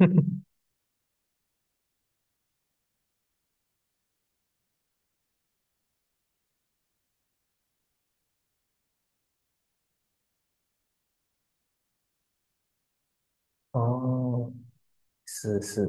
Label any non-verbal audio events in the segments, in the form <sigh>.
<laughs> 哦，是是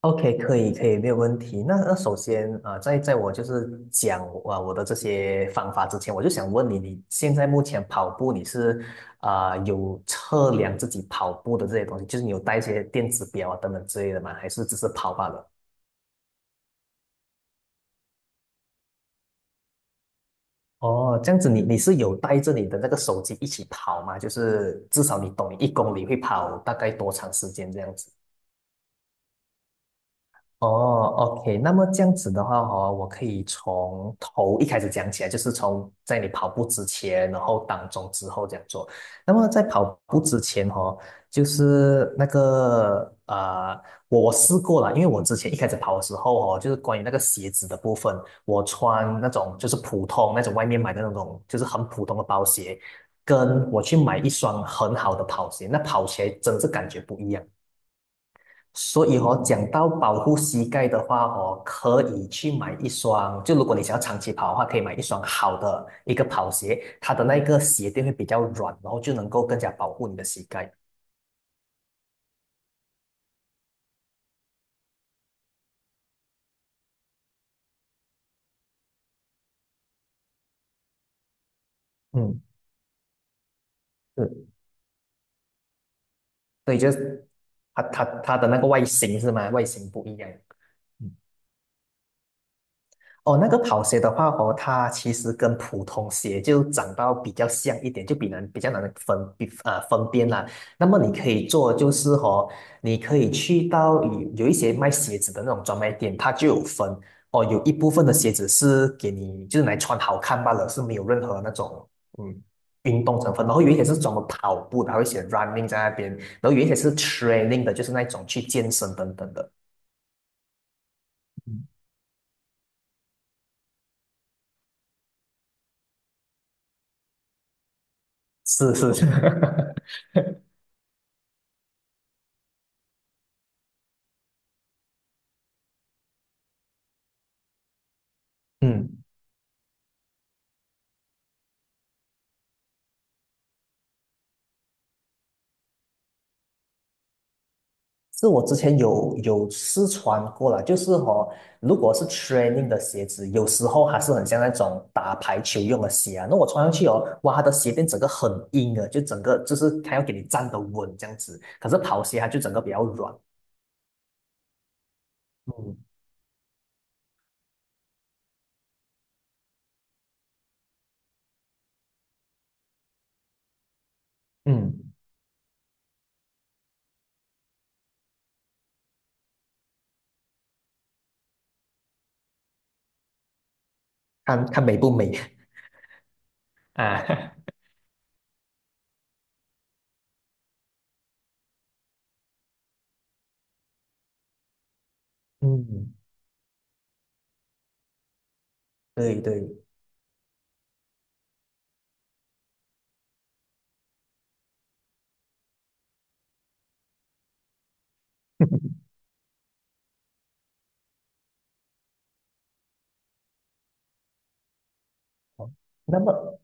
，OK，可以可以，没有问题。那首先啊、在我就是讲啊、我的这些方法之前，我就想问你，你现在目前跑步你是啊、有测量自己跑步的这些东西，就是你有带一些电子表啊等等之类的吗？还是只是跑罢了？哦，这样子你是有带着你的那个手机一起跑吗？就是至少你懂你一公里会跑大概多长时间这样子。哦，OK，那么这样子的话哦，我可以从头一开始讲起来，就是从在你跑步之前，然后当中之后这样做。那么在跑步之前哦，就是那个我试过了，因为我之前一开始跑的时候哦，就是关于那个鞋子的部分，我穿那种就是普通那种外面买的那种，就是很普通的包鞋，跟我去买一双很好的跑鞋，那跑起来真是感觉不一样。所以哦，讲到保护膝盖的话哦，可以去买一双，就如果你想要长期跑的话，可以买一双好的一个跑鞋，它的那个鞋垫会比较软，然后就能够更加保护你的膝盖。嗯，是。所以就是它的那个外形是吗？外形不一样。嗯。哦，那个跑鞋的话哦，它其实跟普通鞋就长到比较像一点，就比较难分比啊、分辨啦。那么你可以做就是哦，你可以去到有一些卖鞋子的那种专卖店，它就有分哦，有一部分的鞋子是给你就是来穿好看罢了，是没有任何那种嗯运动成分。然后有一些是专门跑步的，还会写 running 在那边，然后有一些是 training 的，就是那种去健身等等的。是是是，<laughs> 嗯。是我之前有试穿过了，就是哦，如果是 training 的鞋子，有时候还是很像那种打排球用的鞋啊。那我穿上去哦，哇，它的鞋垫整个很硬的，就整个就是它要给你站得稳这样子。可是跑鞋它就整个比较软。嗯嗯，看看美不美 <laughs> 啊？<laughs> 嗯，对对，哦那么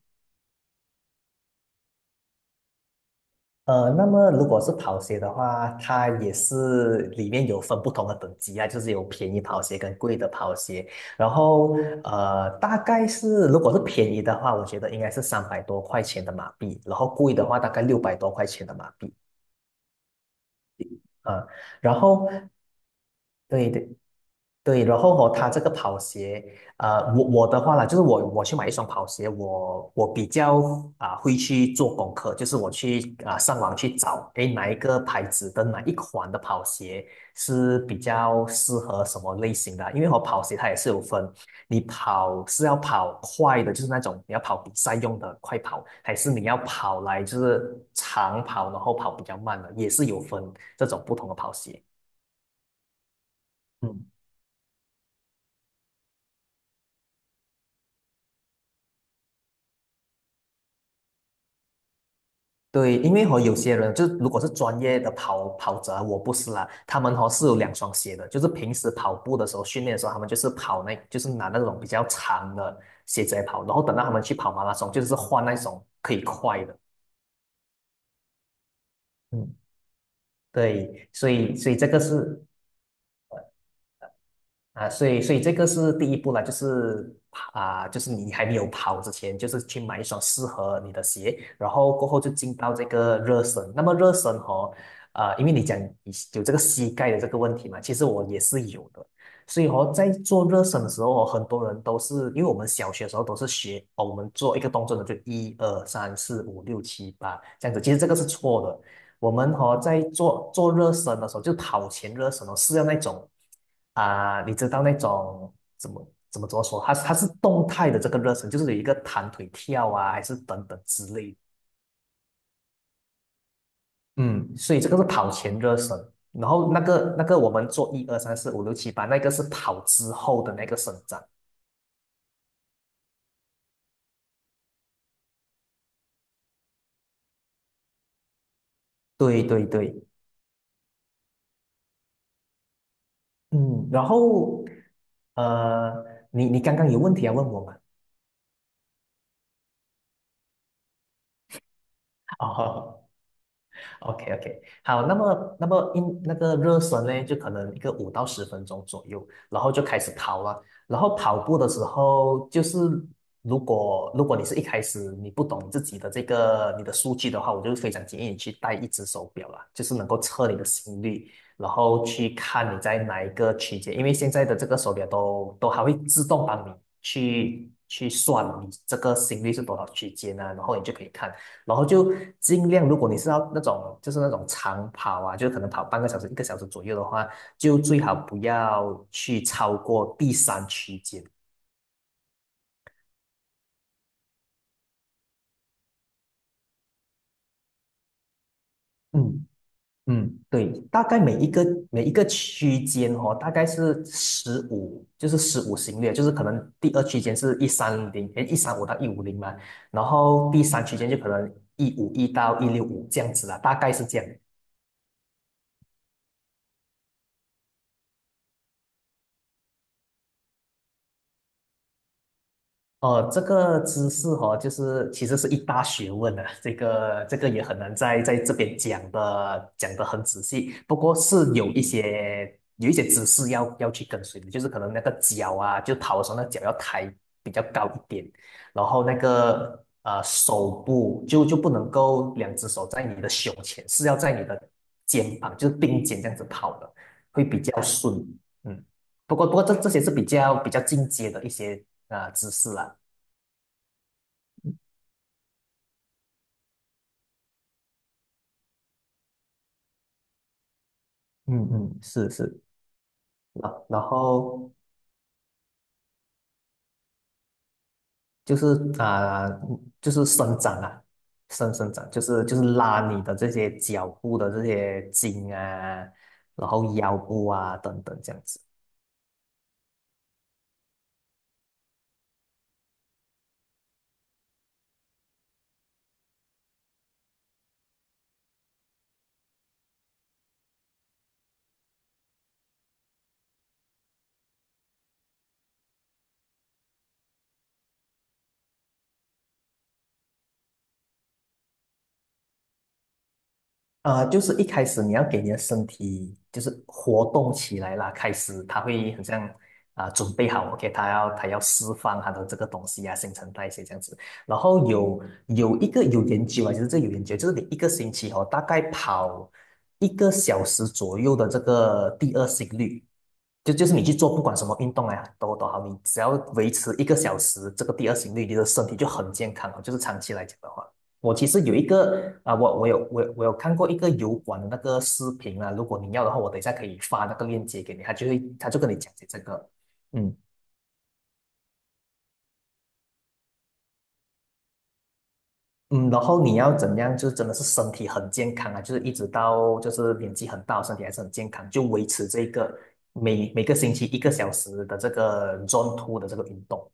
那么如果是跑鞋的话，它也是里面有分不同的等级啊，就是有便宜跑鞋跟贵的跑鞋。然后大概是如果是便宜的话，我觉得应该是300多块钱的马币，然后贵的话大概600多块钱的马币啊。然后对对，对，然后哦，它这个跑鞋，我的话啦，就是我去买一双跑鞋，我比较啊、会去做功课，就是我去啊、上网去找，诶，哪一个牌子的哪一款的跑鞋是比较适合什么类型的啊？因为我跑鞋它也是有分，你跑是要跑快的，就是那种你要跑比赛用的快跑，还是你要跑来就是长跑，然后跑比较慢的，也是有分这种不同的跑鞋。嗯。对，因为和有些人就如果是专业的跑者啊我不是啦，他们和是有两双鞋的，就是平时跑步的时候训练的时候，他们就是跑那，就是拿那种比较长的鞋子来跑，然后等到他们去跑马拉松，就是换那种可以快的。嗯，对，所以这个是啊，所以这个是第一步啦，就是啊，就是你还没有跑之前，就是去买一双适合你的鞋，然后过后就进到这个热身。那么热身哦，啊，因为你讲你有这个膝盖的这个问题嘛，其实我也是有的。所以哦，在做热身的时候哦很多人都是因为我们小学的时候都是学哦，我们做一个动作呢，就一二三四五六七八这样子，其实这个是错的。我们哦，在做热身的时候，就跑前热身哦，是要那种啊、你知道那种怎么说？它是动态的这个热身，就是有一个弹腿跳啊，还是等等之类的。嗯所以这个是跑前热身，然后那个我们做一二三四五六七八，那个是跑之后的那个伸展。对对对，嗯，然后呃，你刚刚有问题要问我吗？<laughs> 啊，OK OK，好，那么那个热身呢，就可能一个5到10分钟左右，然后就开始跑了。然后跑步的时候，就是如果你是一开始你不懂自己的这个你的数据的话，我就非常建议你去戴一只手表啦，就是能够测你的心率，然后去看你在哪一个区间，因为现在的这个手表都还会自动帮你去算你这个心率是多少区间啊，然后你就可以看。然后就尽量，如果你是要那种就是那种长跑啊，就是可能跑半个小时、一个小时左右的话，就最好不要去超过第三区间。嗯嗯对，大概每一个区间哦，大概是十五，就是十五行列，就是可能第二区间是130，诶，135到150嘛，然后第三区间就可能151到165这样子啦，大概是这样。哦，这个姿势哦，就是其实是一大学问啊，这个也很难在这边讲得很仔细，不过是有一些姿势要去跟随的，就是可能那个脚啊，就跑的时候那脚要抬比较高一点，然后那个手部就不能够两只手在你的胸前，是要在你的肩膀，就是并肩这样子跑的，会比较顺。嗯，不过这些是比较进阶的一些啊、姿势识啦。嗯嗯，是是啊，然后就是啊、就是伸展啊，伸展，就是拉你的这些脚部的这些筋啊，然后腰部啊等等这样子。就是一开始你要给你的身体就是活动起来啦，开始它会很像啊、准备好，OK，它要释放它的这个东西啊，新陈代谢这样子。然后有一个有研究啊，其实这有研究，就是你一个星期哦，大概跑一个小时左右的这个第二心率，就是你去做不管什么运动啊，都好，你只要维持一个小时这个第二心率，你的身体就很健康了，就是长期来讲的话。我其实有一个啊、我有看过一个油管的那个视频啊，如果你要的话，我等一下可以发那个链接给你，他就跟你讲解这个，嗯嗯，然后你要怎样，就是真的是身体很健康啊，就是一直到就是年纪很大，身体还是很健康，就维持这个每个星期一个小时的这个 Zone Two 的这个运动，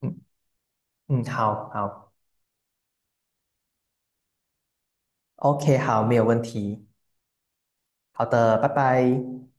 嗯嗯，好好，OK，好，没有问题，好的，拜拜。